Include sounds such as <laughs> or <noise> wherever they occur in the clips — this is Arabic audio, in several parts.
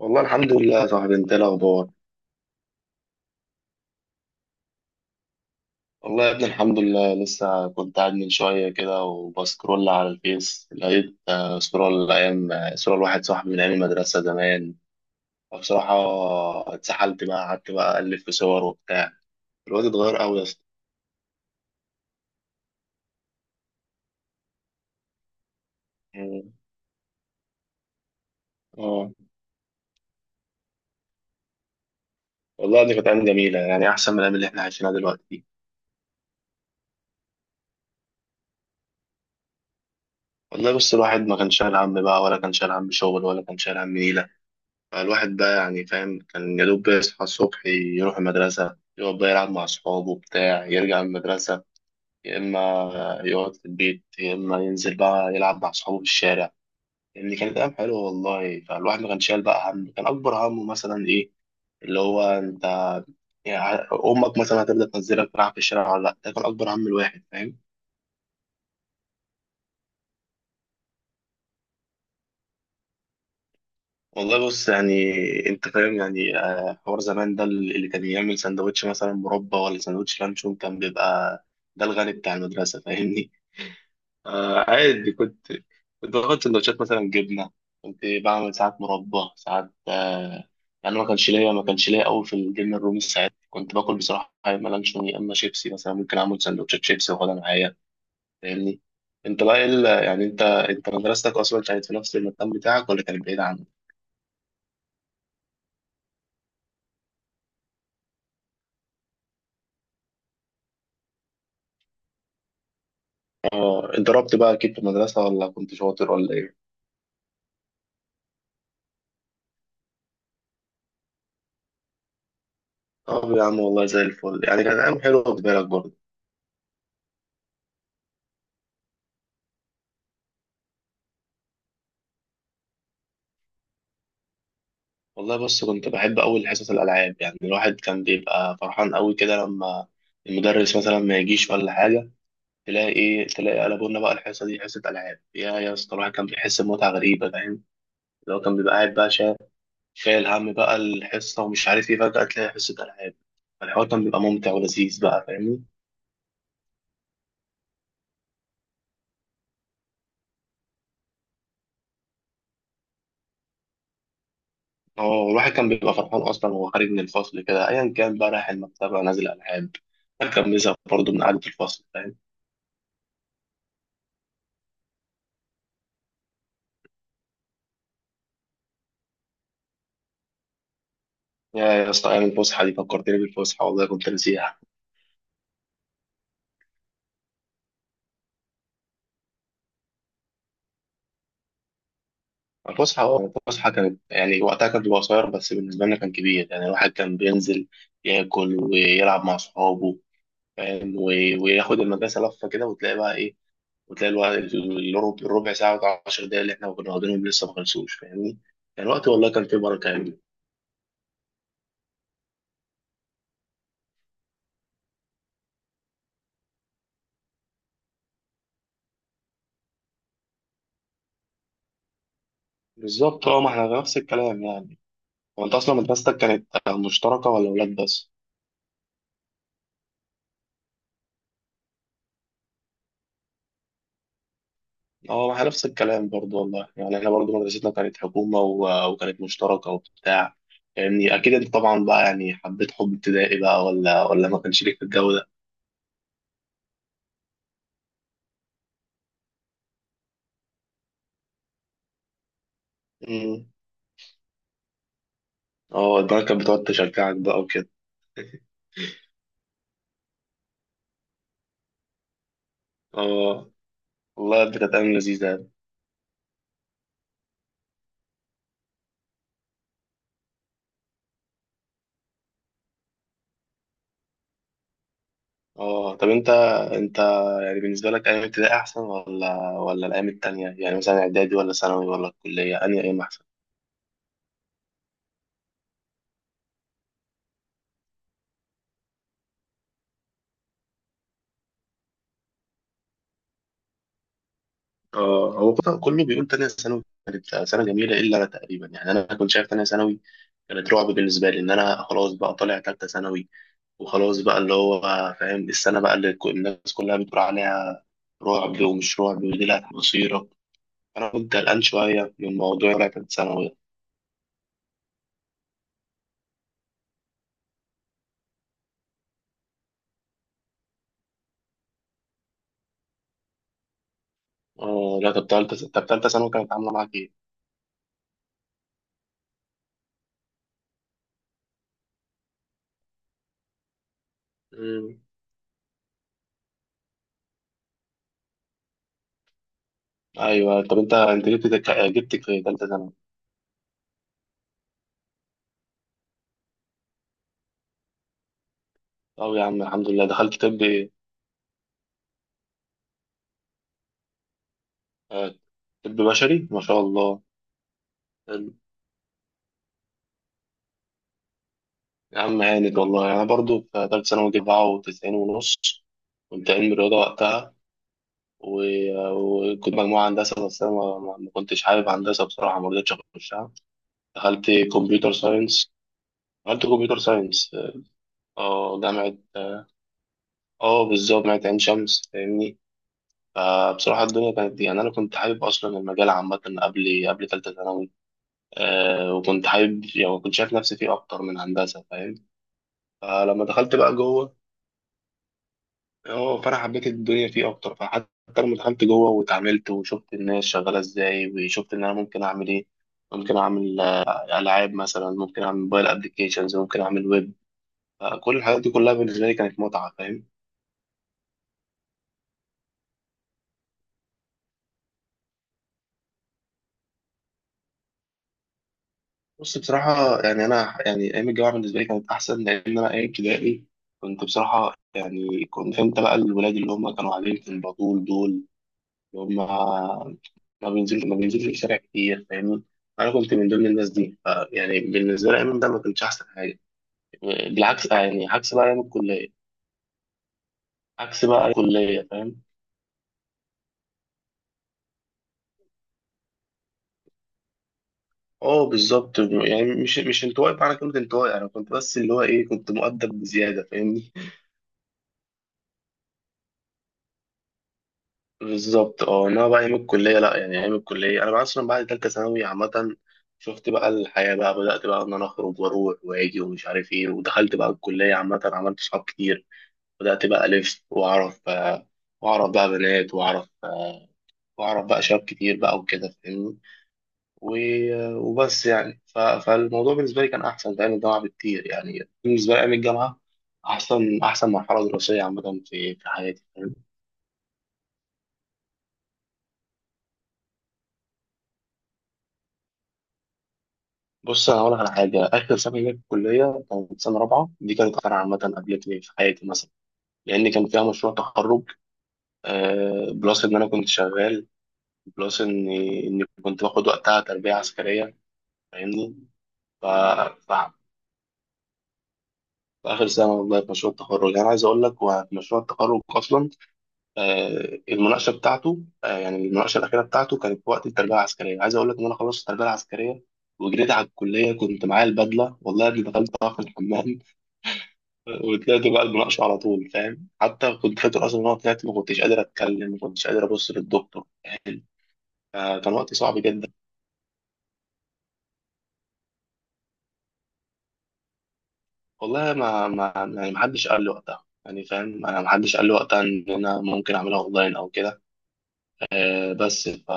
والله الحمد لله يا صاحبي، انت ايه الاخبار؟ والله يا ابني الحمد لله. لسه كنت قاعد من شويه كده وبسكرول على الفيس، لقيت صوره الايام. صوره لواحد صاحبي من ايام المدرسه زمان. فبصراحه اتسحلت بقى، قعدت بقى الف في صور وبتاع. الواد اتغير قوي يا اسطى. مم. اه والله دي كانت ايام جميله، يعني احسن من الايام اللي احنا عايشينها دلوقتي. والله بس الواحد ما كان شايل هم بقى، ولا كان شايل هم شغل، ولا كان شايل هم نيله. الواحد بقى يعني فاهم، كان يا دوب بيصحى الصبح يروح المدرسة، يقعد بقى يلعب مع أصحابه بتاع يرجع من المدرسة، يا إما يقعد في البيت، يا إما ينزل بقى يلعب مع أصحابه في الشارع. يعني كانت أيام حلوة والله. فالواحد ما كانش شايل بقى هم، كان أكبر همه مثلا إيه، اللي هو أنت يعني، أمك مثلا هتبدأ تنزلك تلعب في الشارع ولا لأ. ده كان أكبر هم الواحد، فاهم؟ والله بص، يعني انت فاهم يعني حوار زمان ده. اللي كان يعمل سندوتش مثلا مربى ولا سندوتش لانشون كان بيبقى ده الغني بتاع المدرسة، فاهمني؟ <laughs> آه، عادي. كنت باخد سندوتشات مثلا جبنة. كنت بعمل ساعات مربى، ساعات يعني ما كانش ليا قوي في الجبنة الرومي. ساعات كنت باكل بصراحة يا اما لانشون، يا اما شيبسي، مثلا ممكن اعمل سندوتشات شيبسي واخدها معايا، فاهمني؟ انت بقى ايه يعني انت مدرستك اصلا كانت في نفس المكان بتاعك ولا كانت بعيدة عنك؟ اه، انت ربت بقى اكيد في المدرسة ولا كنت شاطر ولا ايه؟ طب يا عم والله زي الفل. يعني كانت ايام حلوة بالنسبة لك برضه. والله بص، كنت بحب اول حصص الالعاب. يعني الواحد كان بيبقى فرحان قوي كده لما المدرس مثلا ما يجيش ولا حاجة، تلاقي ايه، تلاقي قلبوا لنا بقى الحصة دي حصة العاب. يا يا اسطى، الواحد كان بيحس بمتعة غريبة، فاهم؟ اللي هو كان بيبقى قاعد بقى شايل هم بقى الحصة ومش عارف ايه، فجأة تلاقي حصة العاب. فالحوار كان بيبقى ممتع ولذيذ بقى، فاهمني؟ هو الواحد كان بيبقى فرحان اصلا وهو خارج من الفصل كده، ايا كان بقى رايح المكتبه نازل العاب. الواحد كان بيزهق برضه من قعده الفصل، فاهم؟ يا يا اسطى، ايام الفسحه دي فكرتني بالفسحه، والله كنت نسيها. الفسحه، اه، الفسحه كانت، يعني وقتها كانت بتبقى قصير بس بالنسبه لنا كان كبير. يعني الواحد كان بينزل ياكل ويلعب مع صحابه، فاهم؟ وياخد المدرسه لفه كده وتلاقي بقى ايه، وتلاقي الوقت الربع ساعه و 10 دقايق اللي احنا كنا واخدينهم لسه ما خلصوش، فاهمني؟ يعني الوقت والله كان فيه بركه يعني. بالظبط اه. ما احنا نفس الكلام يعني. هو انت اصلا مدرستك كانت مشتركه ولا ولاد بس؟ اه احنا نفس الكلام برضو والله. يعني احنا برضو مدرستنا كانت حكومه وكانت مشتركه وبتاع. يعني اكيد انت طبعا بقى، يعني حبيت حب ابتدائي بقى ولا، ولا ما كانش ليك في الجو ده؟ امم. اه، البنات كانت بتقعد تشجعك بقى وكده. اه والله دي كانت ايام لذيذه يعني. اه طب انت، انت يعني بالنسبه لك ايام ابتدائي احسن ولا، ولا الايام التانيه يعني، مثلا اعدادي ولا ثانوي ولا الكليه، انهي ايام احسن؟ اه، هو كله بيقول تانية ثانوي كانت سنة جميلة إلا أنا تقريبا. يعني أنا كنت شايف تانية ثانوي كانت رعب بالنسبة لي، إن أنا خلاص بقى طالع تالتة ثانوي وخلاص بقى اللي هو، فاهم؟ السنة بقى اللي الناس كلها بتقول عليها رعب ومش رعب ودي اللي مصيرك. أنا كنت قلقان شوية من موضوع طالع تالتة ثانوي ده. اه لا، طب تالتة، طب تالتة ثانوي كانت عاملة معاك إيه؟ مم. أيوه طب أنت جبت في تالتة ثانوي؟ طب يا عم الحمد لله، دخلت طب إيه؟ آه، طب بشري، ما شاء الله. يا عم هانت والله. أنا برضو في تالتة ثانوي جبت سبعة وتسعين ونص. كنت علم رياضة وقتها وكنت مجموعة هندسة. بس أنا ما كنتش حابب هندسة بصراحة، ما رضيتش أخشها. دخلت كمبيوتر ساينس. دخلت كمبيوتر ساينس. اه جامعة، اه بالظبط جامعة عين شمس، فاهمني؟ فبصراحة الدنيا كانت دي، يعني أنا كنت حابب أصلا المجال عامة قبل تالتة ثانوي. آه، وكنت حابب، يعني كنت شايف نفسي فيه أكتر من هندسة، فاهم؟ فلما دخلت بقى جوه، اه فانا حبيت الدنيا فيه اكتر. فحتى لما دخلت جوه واتعاملت وشفت الناس شغاله ازاي وشفت ان انا ممكن اعمل ايه، ممكن اعمل العاب مثلا، ممكن اعمل موبايل ابلكيشنز، ممكن اعمل ويب. كل الحاجات دي كلها بالنسبه لي كانت متعه، فاهم؟ بص بصراحه، يعني انا، يعني ايام الجامعه بالنسبه لي كانت احسن. لان انا ايام ابتدائي كنت بصراحه، يعني كنت فهمت بقى الولاد اللي هم كانوا قاعدين في البطول دول، هم ما بينزلش الشارع كتير، فاهمني؟ انا كنت من ضمن الناس دي. يعني بالنسبه لي ايام ده ما كانش احسن حاجه. بالعكس يعني، عكس بقى ايام الكليه، عكس بقى الكليه، فاهم؟ اه بالظبط، يعني مش انطوائي بمعنى كلمه انطوائي. انا كنت بس اللي هو ايه، كنت مؤدب بزياده، فاهمني. بالظبط اه. انما بقى ايام الكليه لا، يعني ايام الكليه انا بقى اصلا بعد ثالثه ثانوي عامه شفت بقى الحياه بقى، بدات بقى ان انا اخرج واروح واجي ومش عارف ايه، ودخلت بقى الكليه عامه، عملت صحاب كتير. بدأت بقى ألف وأعرف وأعرف بقى بنات، وأعرف وأعرف بقى شباب كتير بقى وكده، فاهمني. وبس يعني. فالموضوع بالنسبة لي كان أحسن في أيام الجامعة بكتير. يعني بالنسبة لي أيام الجامعة أحسن مرحلة دراسية عامة في حياتي، فاهم؟ بص أنا هقول لك على حاجة، آخر سنة ليا في الكلية كانت سنة رابعة، دي كانت أكتر عامة قابلتني في حياتي مثلا. لأن كان فيها مشروع تخرج، بلس إن أنا كنت شغال، بلس إني كنت باخد وقتها تربية عسكرية، فاهمني. ف... ف... في آخر سنة والله، في مشروع التخرج يعني، أنا عايز أقول لك هو في مشروع التخرج أصلا المناقشة بتاعته، يعني المناقشة الأخيرة بتاعته كانت في وقت التربية العسكرية. عايز أقول لك إن أنا خلصت التربية العسكرية وجريت على الكلية، كنت معايا البدلة والله اللي دخلتها في الحمام. <laughs> وطلعت بقى المناقشة على طول، فاهم؟ حتى كنت فاكر أصلا إن أنا طلعت ما كنتش قادر أتكلم، ما كنتش قادر أبص للدكتور، فاهم؟ كان وقت صعب جدا. والله ما ما يعني، ما حدش قال لي وقتها يعني فاهم، أنا ما حدش قال لي وقتها إن أنا ممكن أعملها أونلاين أو كده. بس،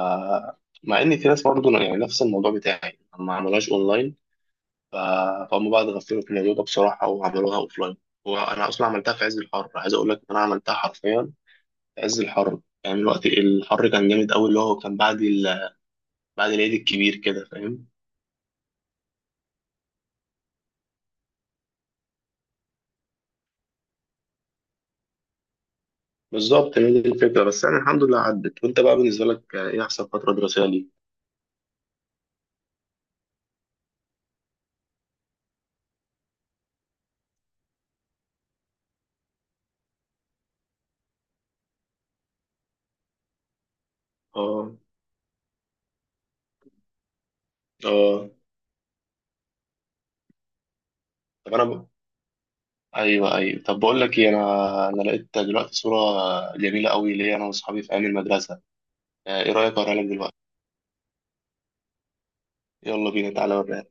مع ان في ناس برضه يعني نفس الموضوع بتاعي ما عملوهاش اونلاين. ف- فهم بقى اتغفلوا في الموضوع ده بصراحه، وعملوها اوفلاين. وانا اصلا عملتها في عز الحر، عايز اقول لك إن انا عملتها حرفيا في عز الحر. يعني الوقت الحر كان جامد قوي، اللي هو كان بعد بعد العيد الكبير كده، فاهم. بالظبط، هي دي الفكره. بس يعني الحمد لله عدت. وانت بقى بالنسبه لك ايه احسن فتره دراسيه ليك؟ اه، اه طب انا، ايوه ايوه. طب بقول لك ايه، انا لقيت دلوقتي صوره جميله قوي ليا انا واصحابي في ايام المدرسه. ايه رايك اوريها لك دلوقتي؟ يلا بينا، تعالى اوريها.